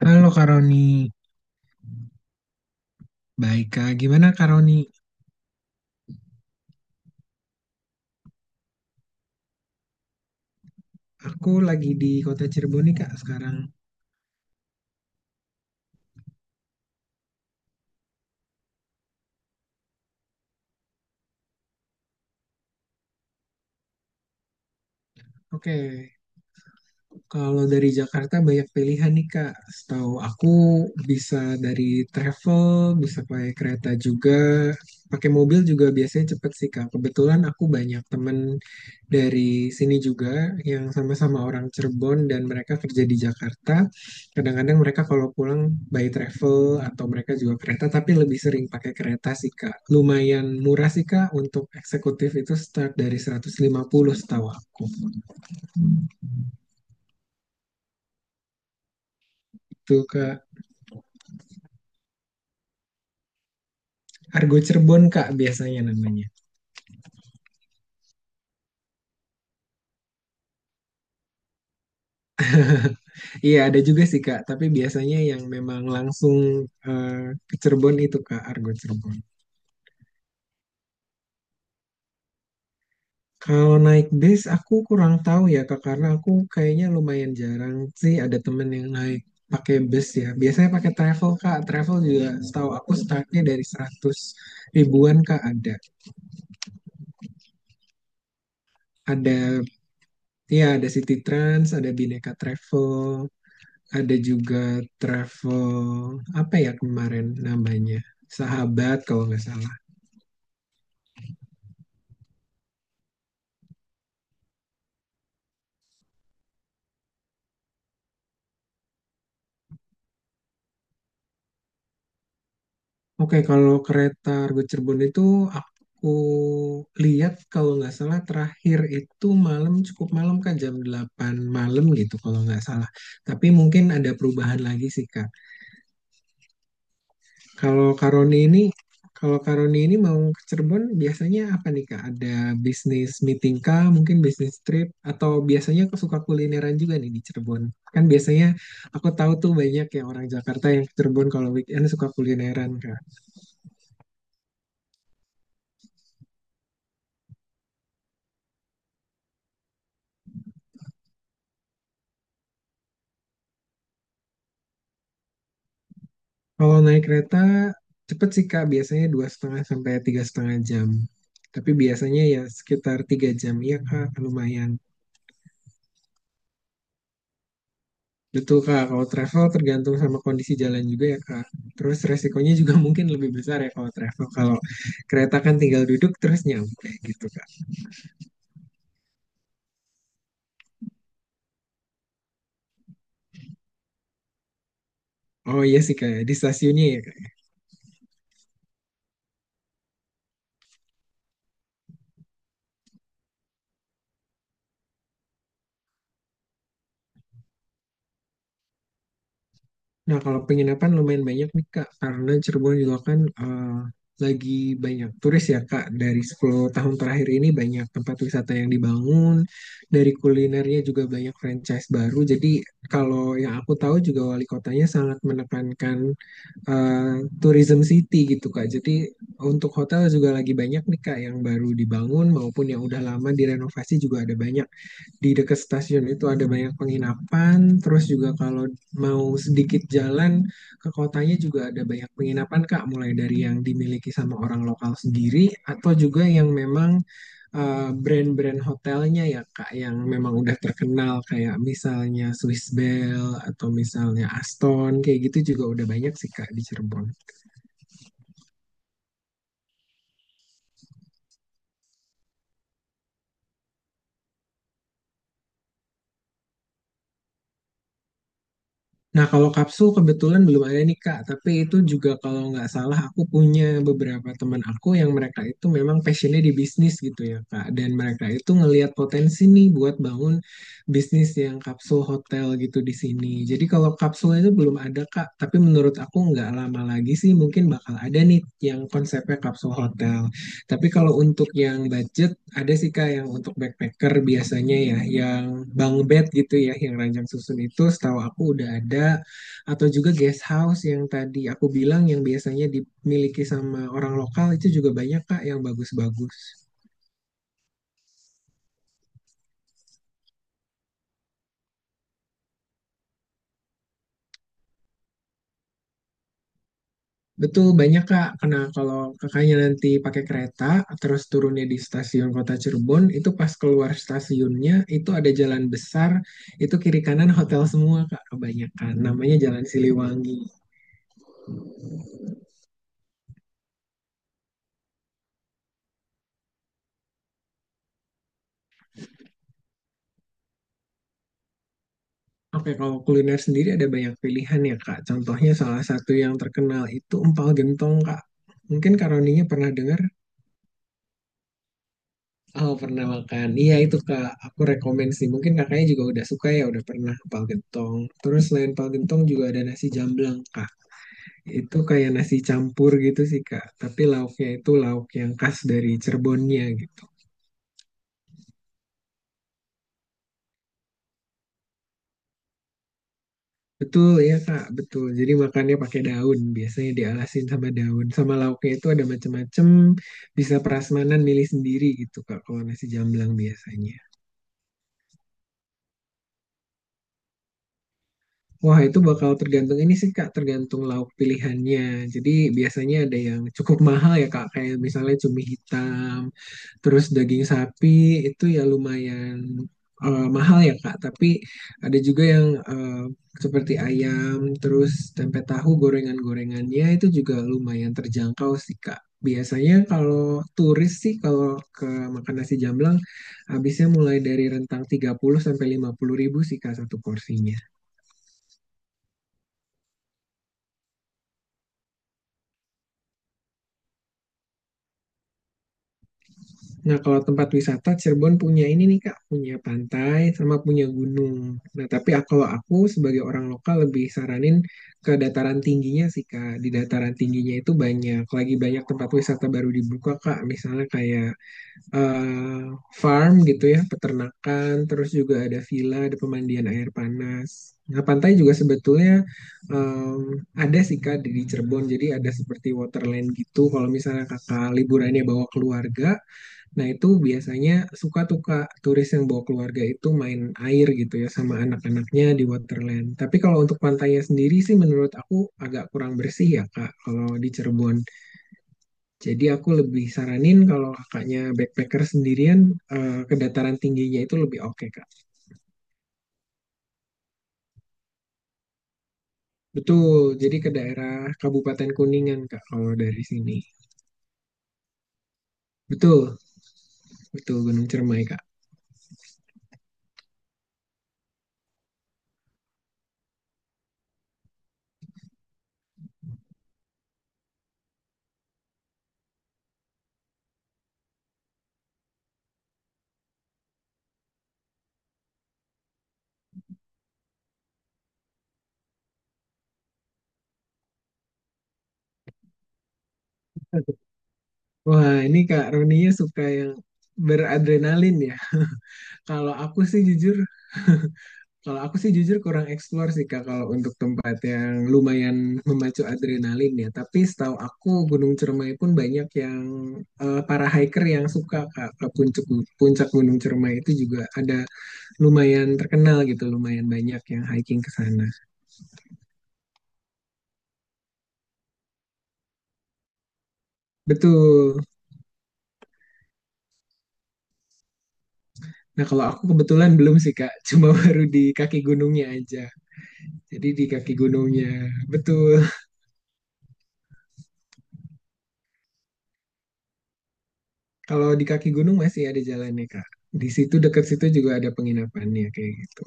Halo Kak Roni, baik Kak. Gimana Kak Roni? Aku lagi di kota Cirebon nih Kak sekarang. Oke, kalau dari Jakarta banyak pilihan nih Kak. Setahu aku bisa dari travel, bisa pakai kereta juga, pakai mobil juga biasanya cepet sih Kak. Kebetulan aku banyak temen dari sini juga yang sama-sama orang Cirebon dan mereka kerja di Jakarta. Kadang-kadang mereka kalau pulang by travel atau mereka juga kereta, tapi lebih sering pakai kereta sih Kak. Lumayan murah sih Kak, untuk eksekutif itu start dari 150 setahu aku. Itu Kak. Argo Cirebon Kak biasanya namanya. Iya ada juga sih Kak, tapi biasanya yang memang langsung eh, ke Cirebon itu Kak Argo Cirebon. Kalau naik bis aku kurang tahu ya Kak, karena aku kayaknya lumayan jarang sih ada temen yang naik pakai bus ya. Biasanya pakai travel Kak. Travel juga setahu aku startnya dari 100 ribuan Kak ada. Ada iya, ada City Trans, ada Bineka Travel, ada juga travel apa ya kemarin namanya Sahabat kalau nggak salah. Oke kalau kereta Argo Cirebon itu aku lihat kalau nggak salah terakhir itu malam, cukup malam Kak, jam 8 malam gitu kalau nggak salah. Tapi mungkin ada perubahan lagi sih Kak. Kalau Karoni ini, kalau Karoni ini mau ke Cirebon biasanya apa nih Kak? Ada bisnis meeting kah, mungkin bisnis trip, atau biasanya aku suka kulineran juga nih di Cirebon. Kan biasanya aku tahu tuh banyak yang orang Jakarta yang ke Cirebon kalau weekend suka kulineran Kak. Kalau naik kereta cepet sih Kak, biasanya 2,5 sampai 3,5 jam. Tapi biasanya ya sekitar 3 jam, iya Kak, lumayan. Betul Kak, kalau travel tergantung sama kondisi jalan juga ya Kak. Terus resikonya juga mungkin lebih besar ya kalau travel. Kalau kereta kan tinggal duduk terus nyampe gitu Kak. Oh iya sih Kak, ya. Di stasiunnya ya Kak. Nah kalau penginapan lumayan banyak nih Kak, karena Cirebon juga kan lagi banyak turis ya Kak. Dari 10 tahun terakhir ini banyak tempat wisata yang dibangun, dari kulinernya juga banyak franchise baru. Jadi kalau yang aku tahu juga wali kotanya sangat menekankan eh, tourism city gitu Kak. Jadi untuk hotel juga lagi banyak nih Kak, yang baru dibangun maupun yang udah lama direnovasi juga ada banyak. Di dekat stasiun itu ada banyak penginapan, terus juga kalau mau sedikit jalan ke kotanya juga ada banyak penginapan Kak, mulai dari yang dimiliki sama orang lokal sendiri atau juga yang memang brand-brand hotelnya ya Kak yang memang udah terkenal kayak misalnya Swiss Bell atau misalnya Aston kayak gitu juga udah banyak sih Kak di Cirebon. Nah, kalau kapsul kebetulan belum ada nih Kak, tapi itu juga kalau nggak salah aku punya beberapa teman aku yang mereka itu memang passionnya di bisnis gitu ya Kak, dan mereka itu ngelihat potensi nih buat bangun bisnis yang kapsul hotel gitu di sini. Jadi kalau kapsul itu belum ada Kak, tapi menurut aku nggak lama lagi sih mungkin bakal ada nih yang konsepnya kapsul hotel. Tapi kalau untuk yang budget, ada sih Kak yang untuk backpacker biasanya ya, yang bunk bed gitu ya, yang ranjang susun itu setahu aku udah ada. Atau juga guest house yang tadi aku bilang yang biasanya dimiliki sama orang lokal itu juga banyak Kak yang bagus-bagus. Betul, banyak Kak. Karena kalau kakaknya nanti pakai kereta, terus turunnya di stasiun Kota Cirebon, itu pas keluar stasiunnya, itu ada jalan besar, itu kiri kanan hotel semua Kak, kebanyakan. Namanya Jalan Siliwangi. Oke, kalau kuliner sendiri ada banyak pilihan ya, Kak. Contohnya salah satu yang terkenal itu empal gentong, Kak. Mungkin Karoninya pernah dengar? Oh, pernah makan. Iya, itu Kak. Aku rekomen sih. Mungkin kakaknya juga udah suka ya, udah pernah empal gentong. Terus selain empal gentong juga ada nasi jamblang, Kak. Itu kayak nasi campur gitu sih, Kak. Tapi lauknya itu lauk yang khas dari Cirebonnya gitu. Betul ya Kak, betul. Jadi makannya pakai daun, biasanya dialasin sama daun. Sama lauknya itu ada macam-macam, bisa prasmanan milih sendiri gitu Kak, kalau nasi jamblang biasanya. Wah itu bakal tergantung ini sih Kak, tergantung lauk pilihannya. Jadi biasanya ada yang cukup mahal ya Kak, kayak misalnya cumi hitam. Terus daging sapi itu ya lumayan mahal ya Kak, tapi ada juga yang seperti ayam, terus tempe tahu gorengan-gorengannya itu juga lumayan terjangkau sih Kak. Biasanya kalau turis sih kalau ke makan nasi jamblang habisnya mulai dari rentang 30 sampai 50 ribu sih Kak satu porsinya. Nah, kalau tempat wisata Cirebon punya ini nih Kak, punya pantai sama punya gunung. Nah, tapi kalau aku sebagai orang lokal lebih saranin ke dataran tingginya sih Kak. Di dataran tingginya itu banyak, lagi banyak tempat wisata baru dibuka Kak. Misalnya kayak eh, farm gitu ya, peternakan, terus juga ada villa, ada pemandian air panas. Nah, pantai juga sebetulnya em, ada sih Kak di Cirebon. Jadi ada seperti waterland gitu. Kalau misalnya Kakak liburannya bawa keluarga, nah, itu biasanya suka tuh Kak, turis yang bawa keluarga itu main air gitu ya sama anak-anaknya di Waterland. Tapi kalau untuk pantainya sendiri sih menurut aku agak kurang bersih ya Kak kalau di Cirebon. Jadi aku lebih saranin kalau kakaknya backpacker sendirian ke dataran tingginya itu lebih oke Kak. Betul, jadi ke daerah Kabupaten Kuningan Kak kalau dari sini. Betul, betul Gunung Cermai Kak. Wah, ini Kak Roninya suka yang beradrenalin ya. Kalau aku sih jujur Kalau aku sih jujur kurang eksplor sih Kak kalau untuk tempat yang lumayan memacu adrenalin ya. Tapi setahu aku Gunung Cermai pun banyak yang para hiker yang suka Kak ke puncak puncak Gunung Cermai itu juga ada lumayan terkenal gitu, lumayan banyak yang hiking ke sana. Betul. Nah, kalau aku kebetulan belum sih Kak, cuma baru di kaki gunungnya aja. Jadi di kaki gunungnya. Betul. Kalau di kaki gunung masih ada jalannya Kak. Di situ dekat situ juga ada penginapannya kayak gitu.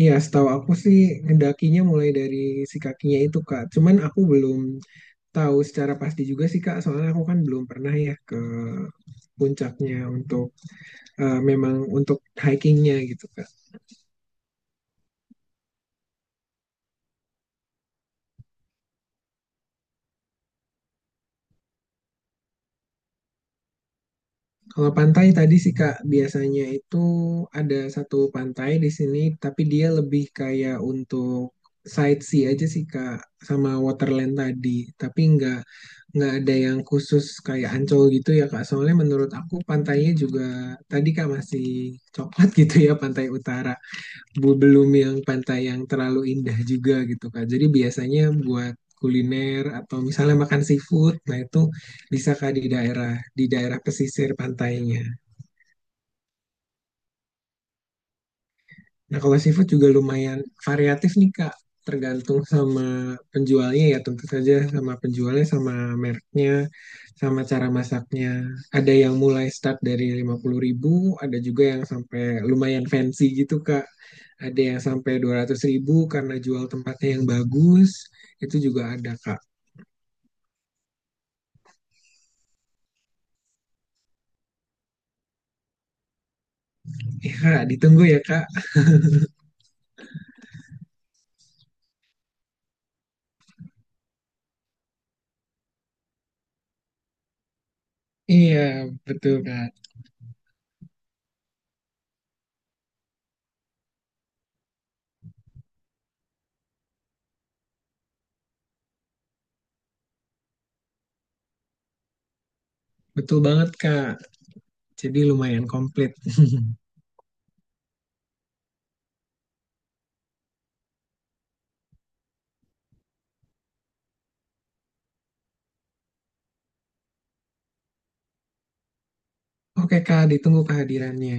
Iya, setahu aku sih ngedakinya mulai dari si kakinya itu Kak. Cuman aku belum tahu secara pasti juga sih Kak, soalnya aku kan belum pernah ya ke puncaknya untuk memang untuk hikingnya gitu. Kalau pantai tadi sih Kak, biasanya itu ada satu pantai di sini, tapi dia lebih kayak untuk sightsee aja sih Kak, sama waterland tadi. Tapi nggak ada yang khusus kayak Ancol gitu ya Kak. Soalnya menurut aku pantainya juga tadi Kak masih coklat gitu ya pantai utara belum yang pantai yang terlalu indah juga gitu Kak. Jadi biasanya buat kuliner atau misalnya makan seafood, nah itu bisa Kak di daerah pesisir pantainya. Nah, kalau seafood juga lumayan variatif nih, Kak. Tergantung sama penjualnya ya, tentu saja sama penjualnya, sama mereknya, sama cara masaknya. Ada yang mulai start dari 50 ribu, ada juga yang sampai lumayan fancy gitu, Kak. Ada yang sampai 200 ribu karena jual tempatnya yang bagus. Itu juga ada, Kak. Iya, ditunggu ya, Kak. Iya, betul, Kak. Betul banget, Kak. Jadi lumayan komplit. Oke, Kak, ditunggu kehadirannya.